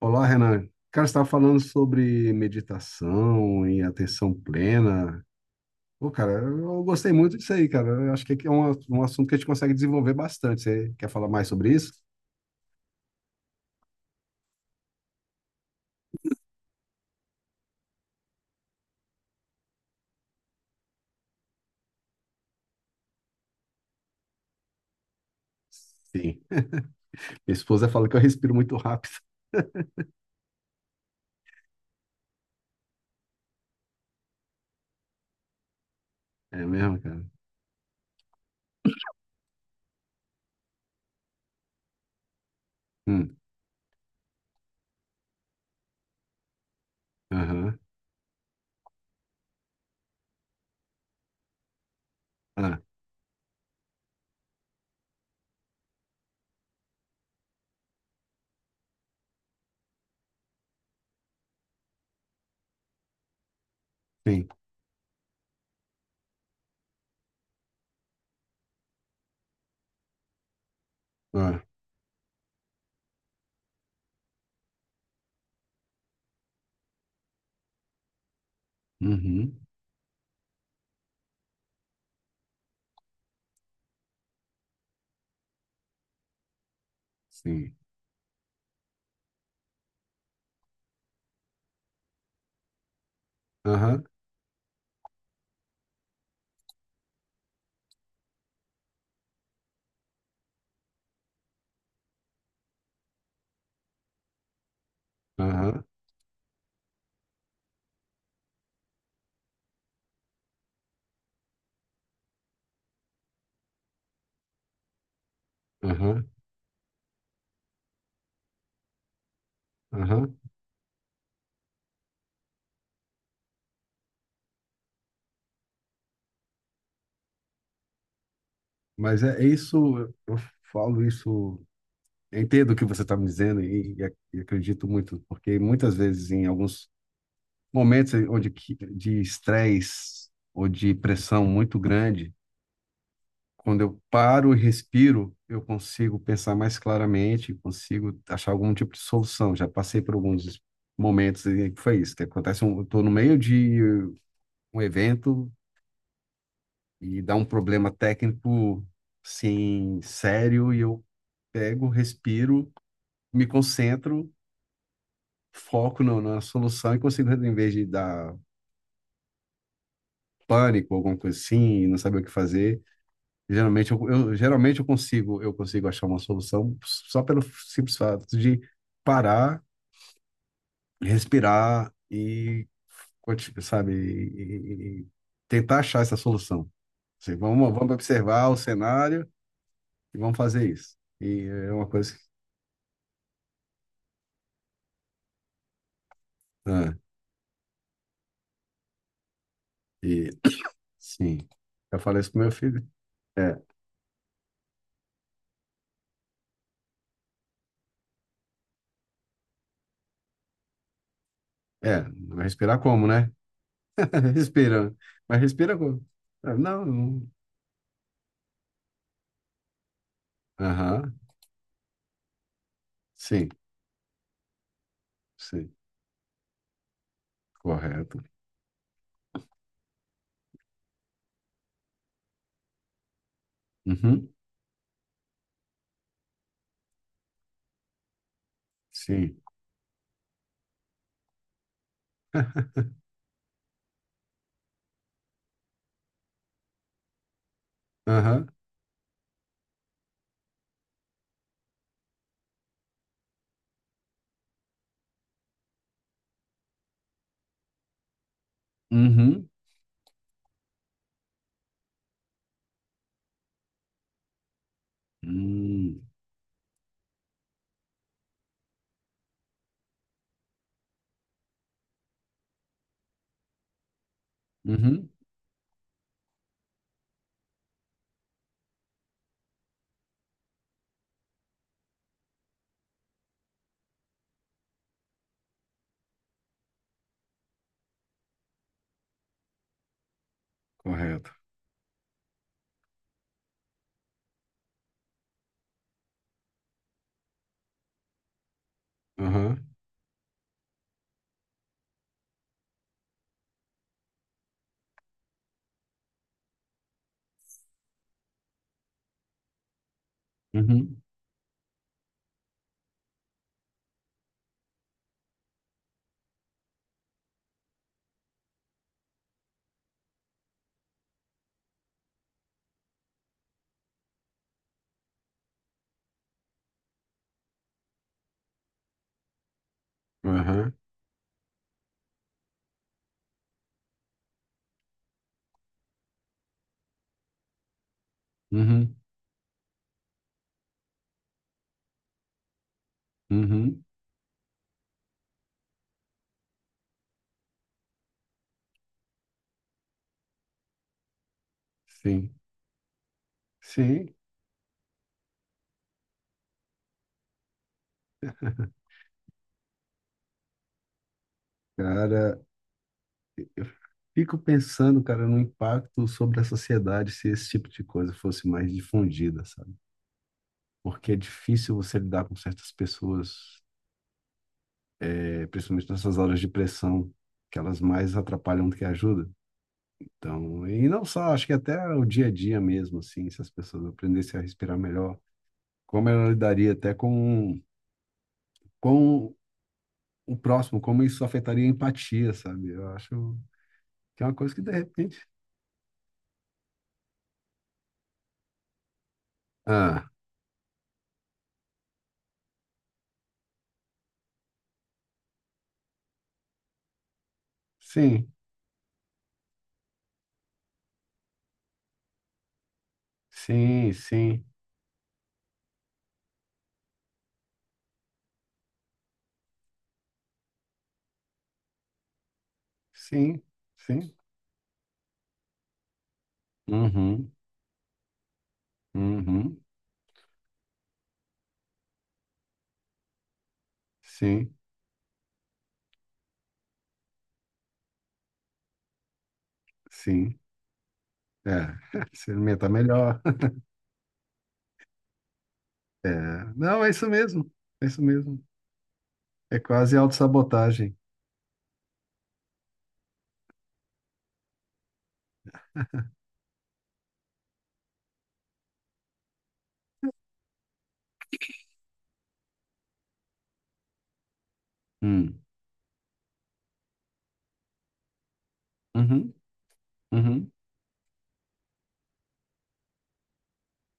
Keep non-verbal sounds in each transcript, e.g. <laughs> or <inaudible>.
Olá, Renan. Cara, você estava falando sobre meditação e atenção plena. Pô, cara, eu gostei muito disso aí, cara. Eu acho que é um assunto que a gente consegue desenvolver bastante. Você quer falar mais sobre isso? Sim. <laughs> Minha esposa fala que eu respiro muito rápido. É mesmo, cara? Hum, aham. Ah, sim. Ah, uhum, sim. Aham, aham, aham, aham. Mas é isso, eu falo isso. Eu entendo o que você está me dizendo e acredito muito, porque muitas vezes, em alguns momentos de estresse ou de pressão muito grande, quando eu paro e respiro, eu consigo pensar mais claramente, consigo achar algum tipo de solução. Já passei por alguns momentos em que foi isso, que acontece, eu estou no meio de um evento e dá um problema técnico, assim, sério, e eu pego, respiro, me concentro, foco no, na solução e consigo, em vez de dar pânico, alguma coisa assim, não saber o que fazer, geralmente geralmente eu consigo achar uma solução só pelo simples fato de parar, respirar e, sabe, e tentar achar essa solução. Assim, vamos observar o cenário e vamos fazer isso. E é uma coisa que, ah, e, sim, eu falei isso com meu filho. É, é, respirar como, né? <laughs> Respira. Mas respira com. Ah, não, não. Aham. Sim, sim. Correto. Uhum. Sim. <laughs> Aham. Uhum. Hum. Uhum. Correto. Aham. Uhum. Aham. Uhum. Uhum. Sim. Sim. Cara, fico pensando, cara, no impacto sobre a sociedade se esse tipo de coisa fosse mais difundida, sabe? Porque é difícil você lidar com certas pessoas é, principalmente nessas horas de pressão, que elas mais atrapalham do que ajudam. Então, e não só, acho que até o dia a dia mesmo, assim, se as pessoas aprendessem a respirar melhor, como ela lidaria até com o próximo, como isso afetaria a empatia, sabe? Eu acho que é uma coisa que, de repente... Ah, sim, sim, sim, sim, sim, uhum, uhum, sim, sim, é, <laughs> se alimentar melhor, é, não, é isso mesmo, é isso mesmo. É quase autossabotagem. Hum. Uhum, uhum,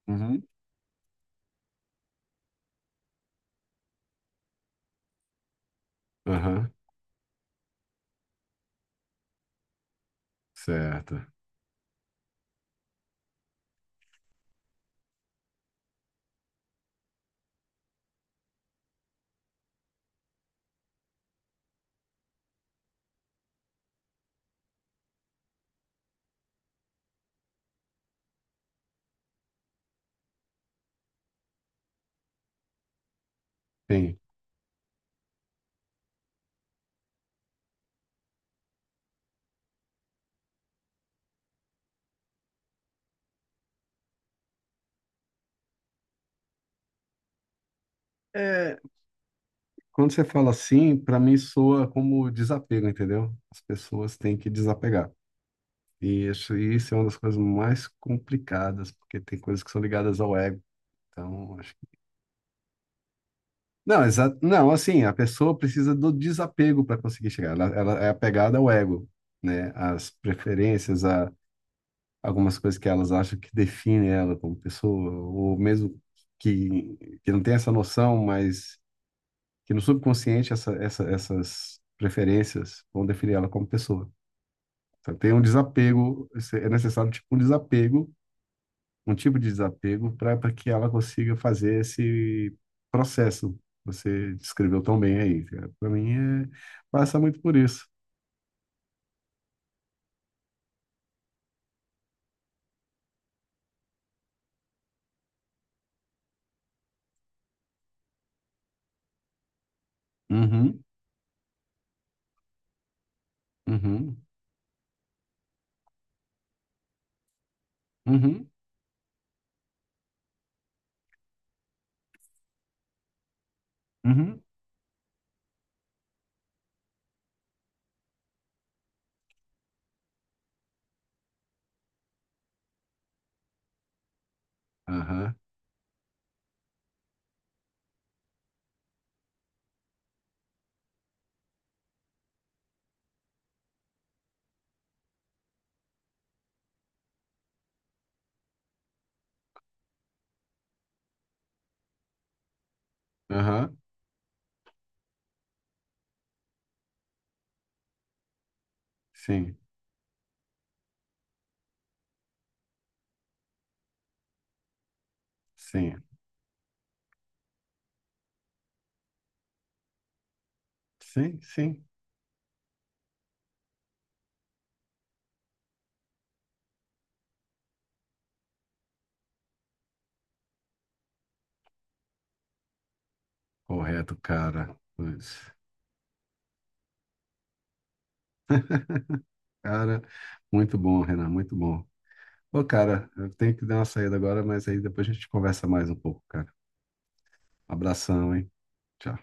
uhum, aham, certo. Sim. É, quando você fala assim, para mim soa como desapego, entendeu? As pessoas têm que desapegar. E isso é uma das coisas mais complicadas, porque tem coisas que são ligadas ao ego. Então, acho que... Não, não, assim, a pessoa precisa do desapego para conseguir chegar. Ela é apegada ao ego, né? Às preferências, a algumas coisas que elas acham que definem ela como pessoa, ou mesmo que não tem essa noção, mas que no subconsciente essas preferências vão definir ela como pessoa. Então, tem um desapego, é necessário tipo um desapego, um tipo de desapego para que ela consiga fazer esse processo. Que Você descreveu tão bem aí, cara. Para mim, é, passa muito por isso. Uhum, uhum, uhum, uhum, aham, aham, sim. Sim, sim, sim. Correto, cara. Pois. Cara, muito bom, Renan, muito bom. Ô, cara, eu tenho que dar uma saída agora, mas aí depois a gente conversa mais um pouco, cara. Abração, hein? Tchau.